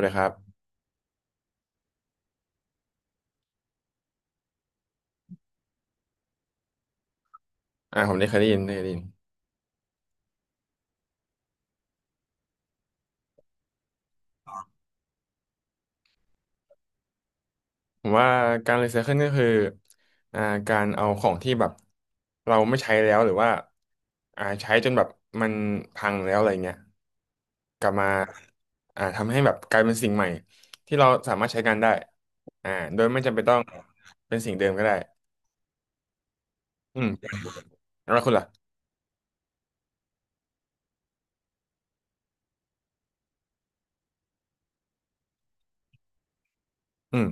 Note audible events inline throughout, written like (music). เลยครับผมได้เคยได้ยินได้เคยได้ยินผมว่าการรีไซเคิลก็คืออ่าการเอาของที่แบบเราไม่ใช้แล้วหรือว่าใช้จนแบบมันพังแล้วอะไรเงี้ยกลับมาทำให้แบบกลายเป็นสิ่งใหม่ที่เราสามารถใช้งานได้โดยไม่จำเป็นต้องเป็นสิ่งเดิมก็ได้อืมแล้วคุณล่ะอืม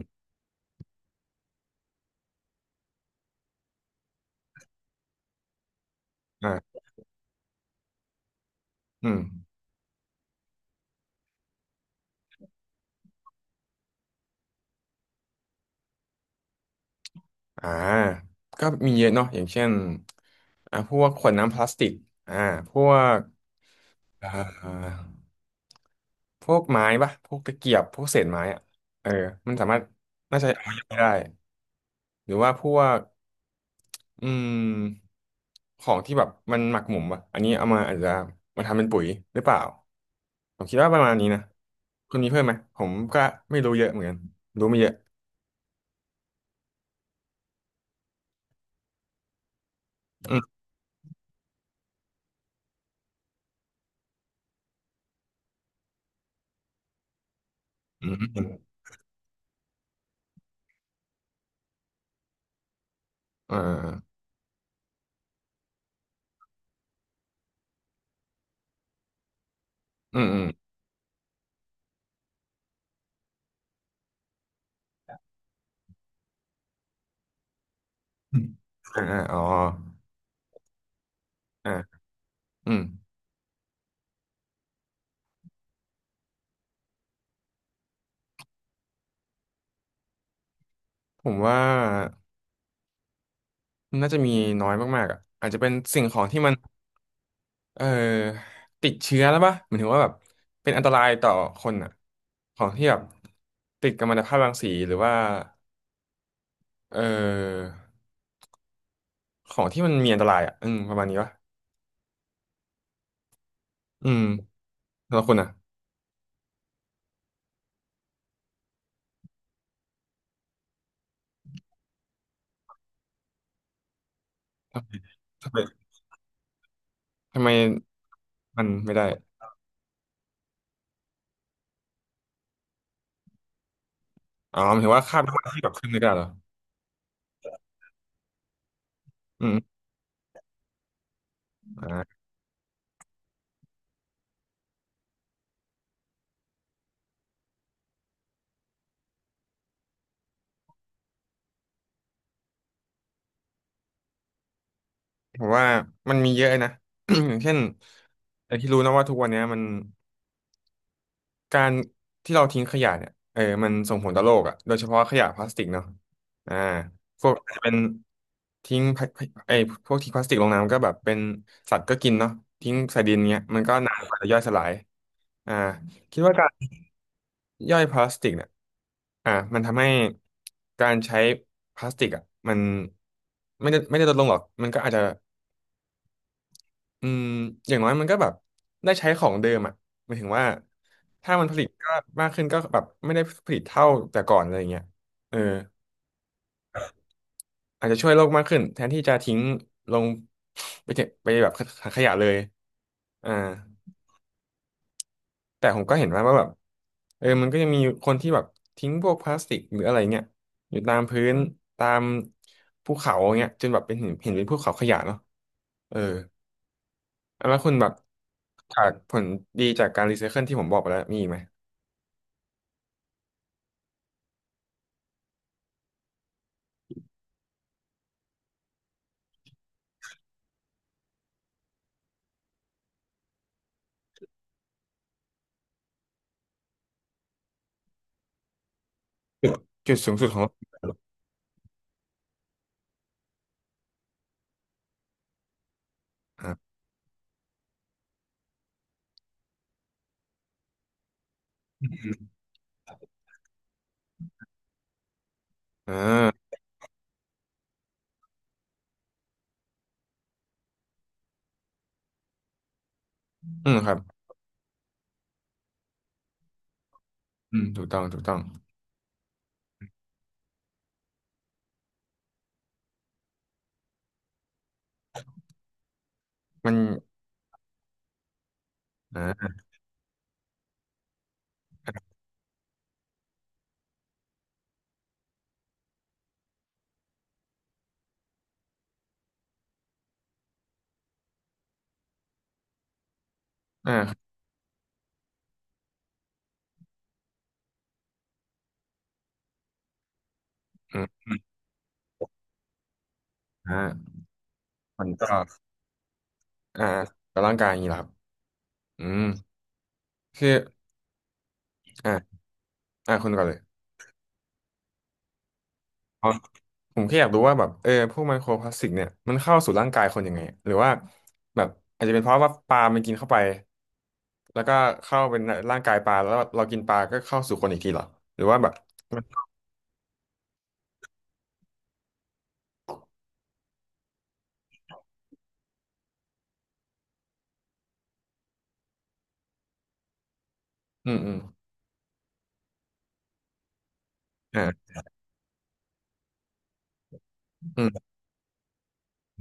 อ่าอืมอ่าก็มีเยอะเนาะอย่างเช่นพวกขวดน้ำพลาสติกอ่าพวกอ่า พวกไม้ปะพวกตะเกียบพวกเศษไม้อะเออมันสามารถน่าจะเอาไปได้หรือว่าพวกอืมของที่แบบมันหมักหมมปะอันนี้เอามาอาจจะมาทำเป็นปุ๋ยหรือเปล่าผมคิดว่าประมาณนี้นะคุณมีเพิ่มไหมผมก็ไม่รู้เยอะเหมือนกันรู้ไม่เยอะอืมอืมอืมอ่าอืมอืมอมอ่าอ่าอ๋ออ่าอืมผมว่าน่าจะมีน้อยมากๆอ่ะอาจจะเป็นสิ่งของที่มัน เอ่อติดเชื้อแล้วปะหมายถึงว่าแบบเป็นอันตรายต่อคนอ่ะของที่แบบติดกัมมันตภาพรังสีหรือว่าเอ่อของที่มันมีอันตรายอ่ะอืมประมาณนี้ปะอืมแล้วคุณอ่ะทำไมทำไมมันไม่ได้อ๋อหมายถึงว่าคราบน้ำมันที่แบบขึ้นไม่ได้เหรออืมอ่าผมว่ามันมีเยอะนะ (coughs) (clears throat) อย่างเช่นไอ้ที่รู้นะว่าทุกวันเนี้ยมัน การที่เราทิ้งขยะเนี่ยเออมันส่งผลต่อโลกอ่ะโดยเฉพาะขยะพลาสติกเนาะอ่าพวกอาจจะเป็นทิ้งพลาไอ้พวกทิ้งพลาสติกลงน้ำก็แบบเป็นสัตว์ก็กินเนาะทิ้งใส่ดินเงี้ยมันก็นานกว่าจะย่อยสลายอ่าคิดว่าการย่อยพลาสติกเนี่ยมันทำให้การใช้พลาสติกอ่ะมันไม่ได้ลดลงหรอกมันก็อาจจะ อืมอย่างน้อยมันก็แบบได้ใช้ของเดิมอ่ะหมายถึงว่าถ้ามันผลิตก็มากขึ้นก็แบบไม่ได้ผลิตเท่าแต่ก่อนอะไรเงี้ยเอออาจจะช่วยโลกมากขึ้นแทนที่จะทิ้งลงไปเถอะไปแบบถังขยะเลยอ่าแต่ผมก็เห็นว่าแบบเออมันก็ยังมีคนที่แบบทิ้งพวกพลาสติกหรืออะไรเงี้ยอยู่ตามพื้นตามภูเขาเงี้ยจนแบบเป็นเห็นเป็นภูเขาขยะเนาะเออ แล้วคุณแบบจากผลดีจากการรีไซเคิลที่ผมบอกไปแล้วมีอีกไหมจุดจุดสูงสุดของอ่าอ่าอืมครับอืมถูกต้องมันอ่าครับอืมอ่ามันก็อ่ากับร่างกายอย่างนี้เหรอครับอืมคืออ่าคุณก่อนเลยอ๋อผมแค่อยากรู้ว่าแบบเออพวกไมโครพลาสติกเนี่ยมันเข้าสู่ร่างกายคนยังไงหรือว่าแบบอาจจะเป็นเพราะว่าปลามันกินเข้าไปแล้วก็เข้าเป็นร่างกายปลาแล้วเรากินปลาก็เข้าสู่คนอีกทีเหรอหรือว่าแบบ อืมอืมอ่าอืม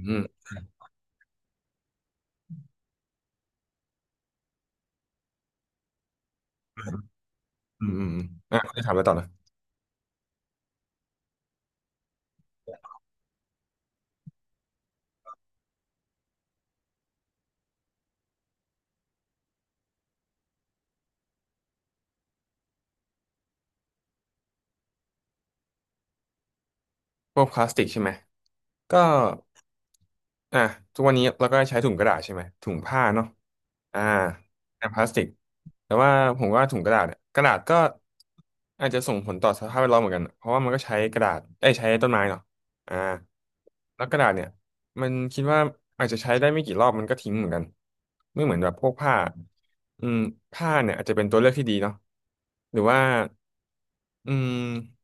อืมอืมอืมอ่ะคุณจะถามอะไรต่อนะ พวกพลาสติกใช่ไหมก็อ่ะทุกวันนี้เราก็ใช้ถุงกระดาษใช่ไหมถุงผ้าเนาะอ่าแทนพลาสติกแต่ว่าผมว่าถุงกระดาษเนี่ยกระดาษก็อาจจะส่งผลต่อสภาพแวดล้อมเหมือนกันเพราะว่ามันก็ใช้กระดาษได้ยใช้ต้นไม้เนาะอ่าแล้วกระดาษเนี่ยมันคิดว่าอาจจะใช้ได้ไม่กี่รอบมันก็ทิ้งเหมือนกันไม่เหมือนแบบพวกผ้าอืมผ้าเนี่ยอาจจะเป็นตัวเลือกที่ดีเนาะหรือว่าอืม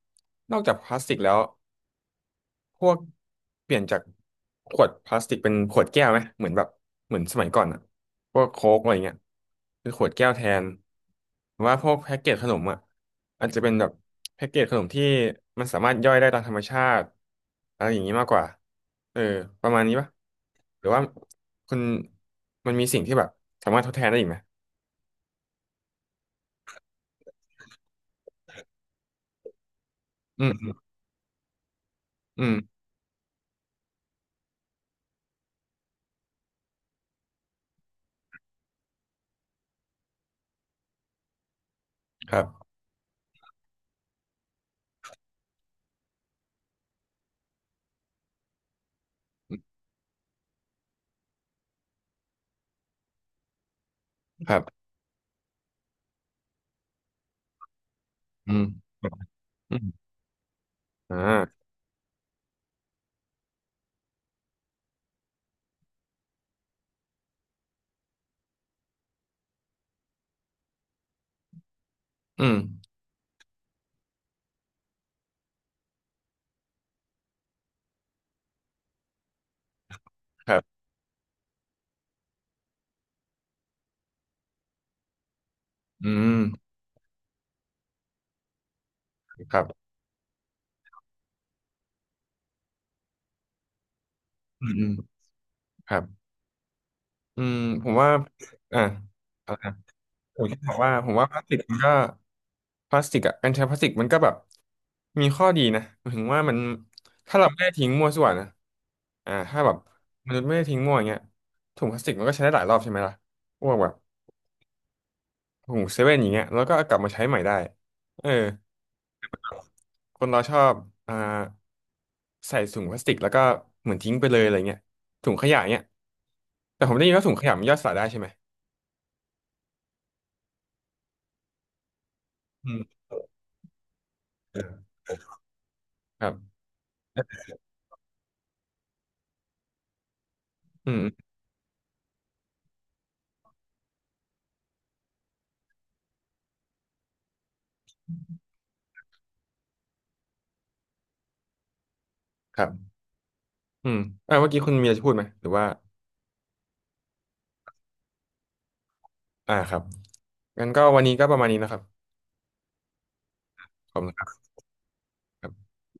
นอกจากพลาสติกแล้ว พวกเปลี่ยนจากขวดพลาสติกเป็นขวดแก้วไหมเหมือนแบบเหมือนสมัยก่อนอะพวกโค้กอะไรเงี้ยเป็นขวดแก้วแทนหรือว่าพวกแพ็กเกจขนมอะอาจจะเป็นแบบแพ็กเกจขนมที่มันสามารถย่อยได้ตามธรรมชาติอะไรอย่างนี้มากกว่าเออประมาณนี้ปะหรือว่าคุณมันมีสิ่งที่แบบสามารถทดแทนได้อีกไหมอืมอืมครับครับอืมอืมอ่าอืมครับอืมครับอืมอืมครับ อืมผมว่าอ่าอะไรนะผมแค่บอกว่าผมว่าพลาสติกมันก็พลาสติกอ่ะการใช้พลาสติกมันก็แบบมีข้อดีนะหมายถึงว่ามันถ้าเราไม่ได้ทิ้งมั่วส่วนนะถ้าแบบมันษย์ไม่ได้ทิ้งมั่วอย่างเงี้ยถุงพลาสติกมันก็ใช้ได้หลายรอบใช่ไหมล่ะพวกแบบถุงเซเว่นอย่างเงี้ยแล้วก็เอากลับมาใช้ใหม่ได้เออคนเราชอบอ่าใส่ถุงพลาสติกแล้วก็เหมือนทิ้งไปเลยอะไรเงี้ยถุงขยะเงี้ยแต่ผมได้ยินว่าถุงขยะมันย่อยสลายได้ใช่ไหมอืมครับ อืมอืมครับอืมเมื่อกี้คุณเมียจะพูดไหมหรือว่าครับงั้นก็วันนี้ก็ประมาณนี้นะครับขอบคุณครับ